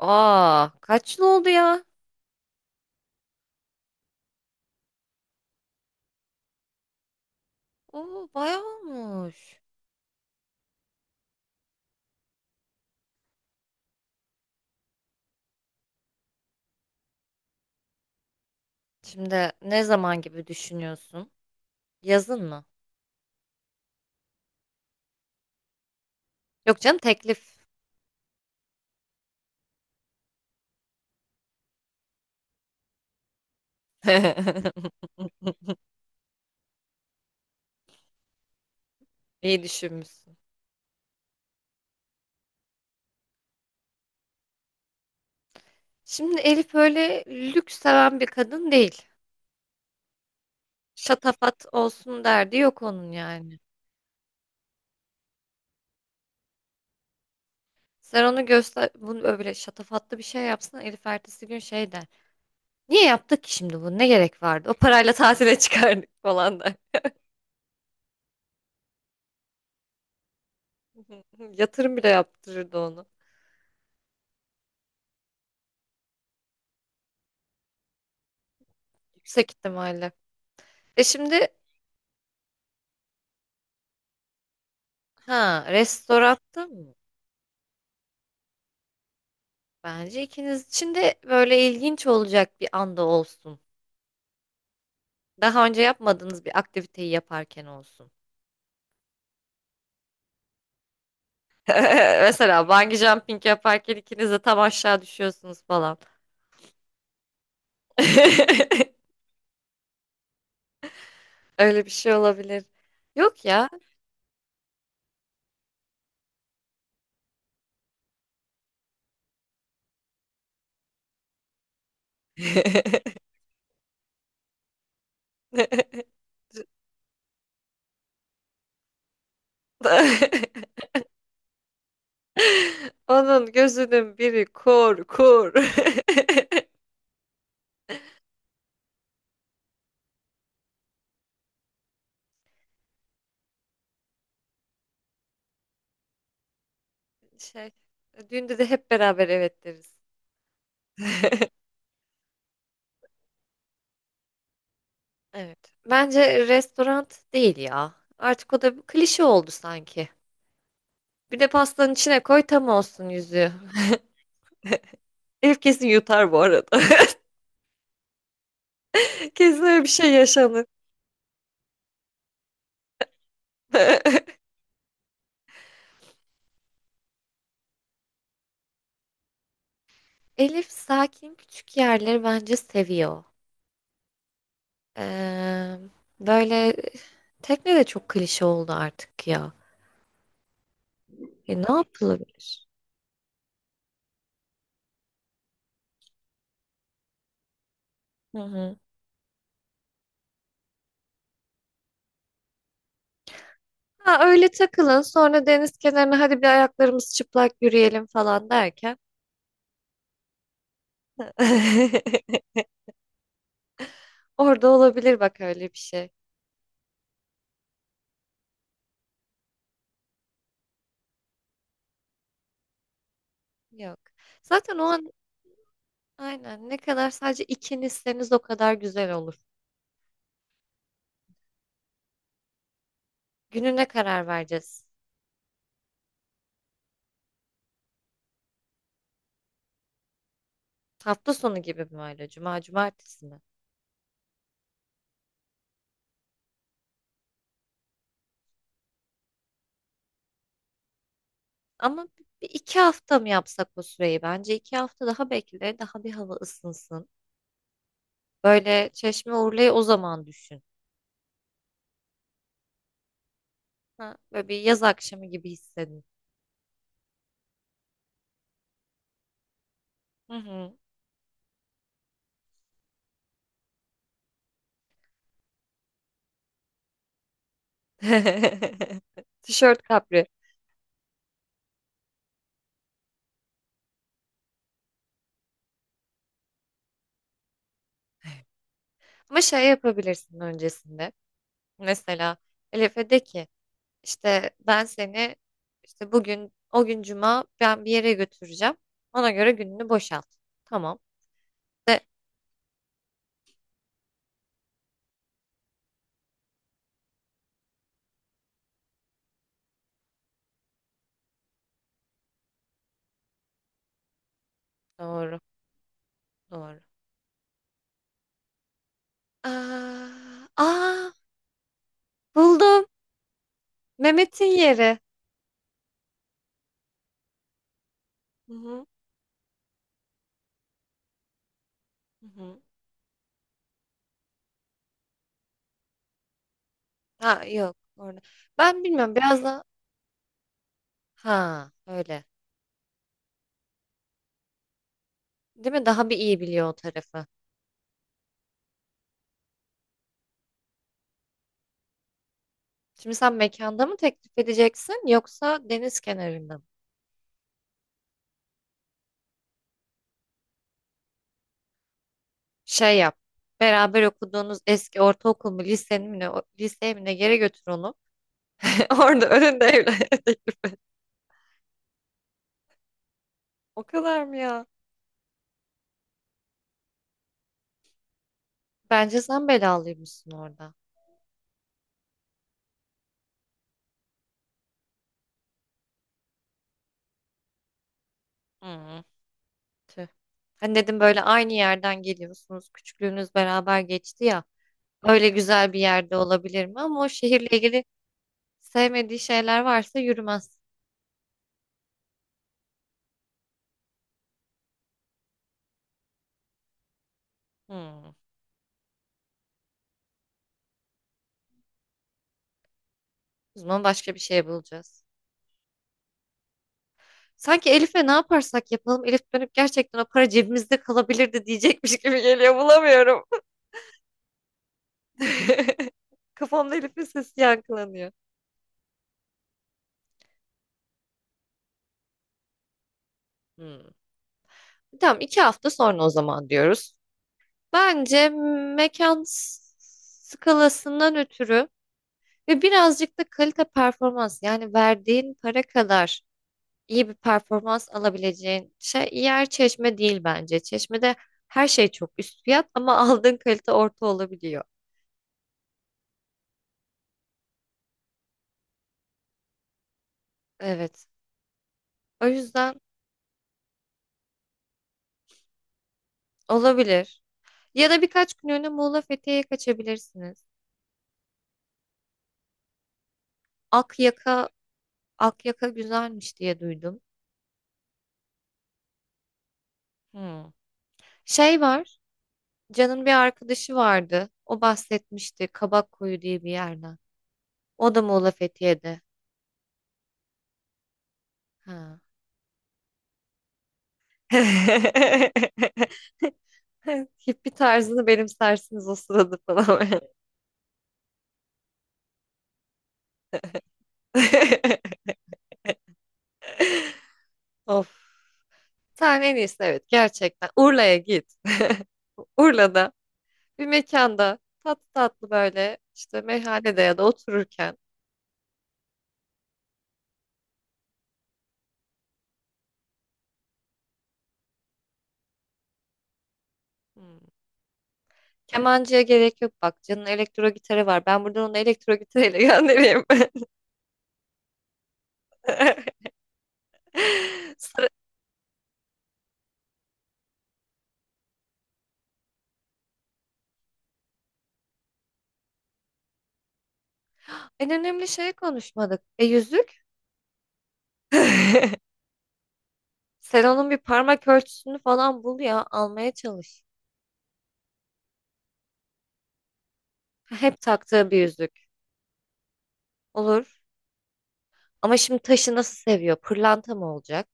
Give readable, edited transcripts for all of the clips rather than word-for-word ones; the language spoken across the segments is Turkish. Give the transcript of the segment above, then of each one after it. Aa, kaç yıl oldu ya? Oo, bayağı olmuş. Şimdi ne zaman gibi düşünüyorsun? Yazın mı? Yok canım, teklif. İyi düşünmüşsün. Şimdi Elif öyle lüks seven bir kadın değil. Şatafat olsun derdi yok onun, yani. Sen onu göster, bunu öyle şatafatlı bir şey yapsın, Elif ertesi gün şey der. Niye yaptık ki şimdi bunu? Ne gerek vardı? O parayla tatile çıkardık falan der. Yatırım bile yaptırırdı onu. Yüksek ihtimalle. E şimdi, ha, restoratta mı? Bence ikiniz için de böyle ilginç olacak bir anda olsun. Daha önce yapmadığınız bir aktiviteyi yaparken olsun. Mesela bungee jumping yaparken ikiniz de tam aşağı düşüyorsunuz falan. Öyle bir şey olabilir. Yok ya. Onun gözünün biri kur kur. Şey, düğünde de hep beraber evet deriz. Evet. Bence restoran değil ya. Artık o da bir klişe oldu sanki. Bir de pastanın içine koy, tam olsun yüzüğü. Elif kesin yutar bu arada. Kesin öyle bir şey yaşanır. Elif sakin küçük yerleri bence seviyor. Ee, Böyle tekne de çok klişe oldu artık ya. E, ne yapılabilir? Hı hı. Ha, öyle takılın sonra, deniz kenarına hadi bir ayaklarımız çıplak yürüyelim falan derken. Orada olabilir bak, öyle bir şey. Yok. Zaten o an aynen, ne kadar sadece ikinizseniz o kadar güzel olur. Gününe karar vereceğiz. Hafta sonu gibi mi öyle? Cuma, cumartesi mi? Ama bir iki hafta mı yapsak o süreyi? Bence iki hafta daha bekle. Daha bir hava ısınsın. Böyle Çeşme Urla'yı o zaman düşün. Ha, böyle bir yaz akşamı gibi hissedin. Hı hı. Tişört kapri. Ama şey yapabilirsin öncesinde. Mesela Elif'e de ki İşte ben seni işte bugün, o gün cuma, ben bir yere götüreceğim. Ona göre gününü boşalt. Tamam. De, doğru doğru. Aa, aa, buldum. Mehmet'in yeri. Hı hı, hı hı. Ha, yok orada. Ben bilmiyorum biraz da, ha, öyle. Değil mi? Daha bir iyi biliyor o tarafı. Şimdi sen mekanda mı teklif edeceksin yoksa deniz kenarında mı? Şey yap. Beraber okuduğunuz eski ortaokul mu, lisenin mi, liseye mi, ne yere götür onu. Orada önünde evlenme teklif et. O kadar mı ya? Bence sen belalıymışsın orada. Hı, tüh. Hani dedim, böyle aynı yerden geliyorsunuz. Küçüklüğünüz beraber geçti ya. Öyle güzel bir yerde olabilir mi? Ama o şehirle ilgili sevmediği şeyler varsa yürümez. Hı. O zaman başka bir şey bulacağız. Sanki Elif'e ne yaparsak yapalım, Elif dönüp gerçekten "o para cebimizde kalabilirdi" diyecekmiş gibi geliyor. Bulamıyorum. Kafamda Elif'in sesi yankılanıyor. Hı. Tamam, iki hafta sonra o zaman diyoruz. Bence mekan skalasından ötürü ve birazcık da kalite performans, yani verdiğin para kadar iyi bir performans alabileceğin şey yer Çeşme değil bence. Çeşme'de her şey çok üst fiyat, ama aldığın kalite orta olabiliyor. Evet. O yüzden olabilir. Ya da birkaç günlüğüne Muğla Fethiye'ye kaçabilirsiniz. Akyaka, Akyaka güzelmiş diye duydum. Hmm. Şey var. Can'ın bir arkadaşı vardı. O bahsetmişti Kabakkuyu diye bir yerden. O da Muğla Fethiye'de. Ha. Hippi tarzını benimsersiniz o sırada falan. Of. Sen en iyisi, evet, gerçekten Urla'ya git. Urla'da bir mekanda tatlı tatlı, böyle işte meyhanede ya da otururken. Hmm. Kemancıya gerek yok bak. Can'ın elektro gitarı var. Ben buradan onu elektro gitarıyla göndereyim. En önemli şeyi konuşmadık. E, yüzük? Sen onun bir parmak ölçüsünü falan bul ya almaya çalış. Hep taktığı bir yüzük. Olur. Ama şimdi taşı nasıl seviyor? Pırlanta mı olacak?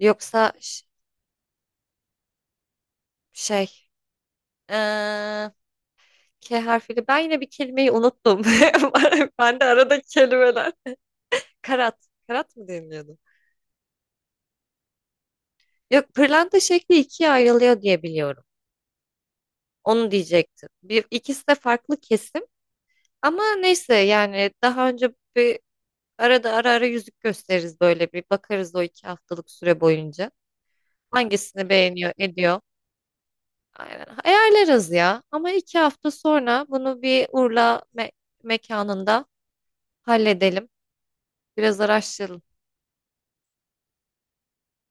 Yoksa şey, eee, K harfiyle ben yine bir kelimeyi unuttum. Ben de arada kelimeler. Karat. Karat mı deniliyordu? Yok, pırlanta şekli ikiye ayrılıyor diye biliyorum. Onu diyecektim. Bir, ikisi de farklı kesim. Ama neyse, yani daha önce bir, arada ara ara yüzük gösteririz, böyle bir bakarız o iki haftalık süre boyunca. Hangisini beğeniyor, ediyor. Aynen. Ayarlarız ya. Ama iki hafta sonra bunu bir Urla mekanında halledelim. Biraz araştıralım.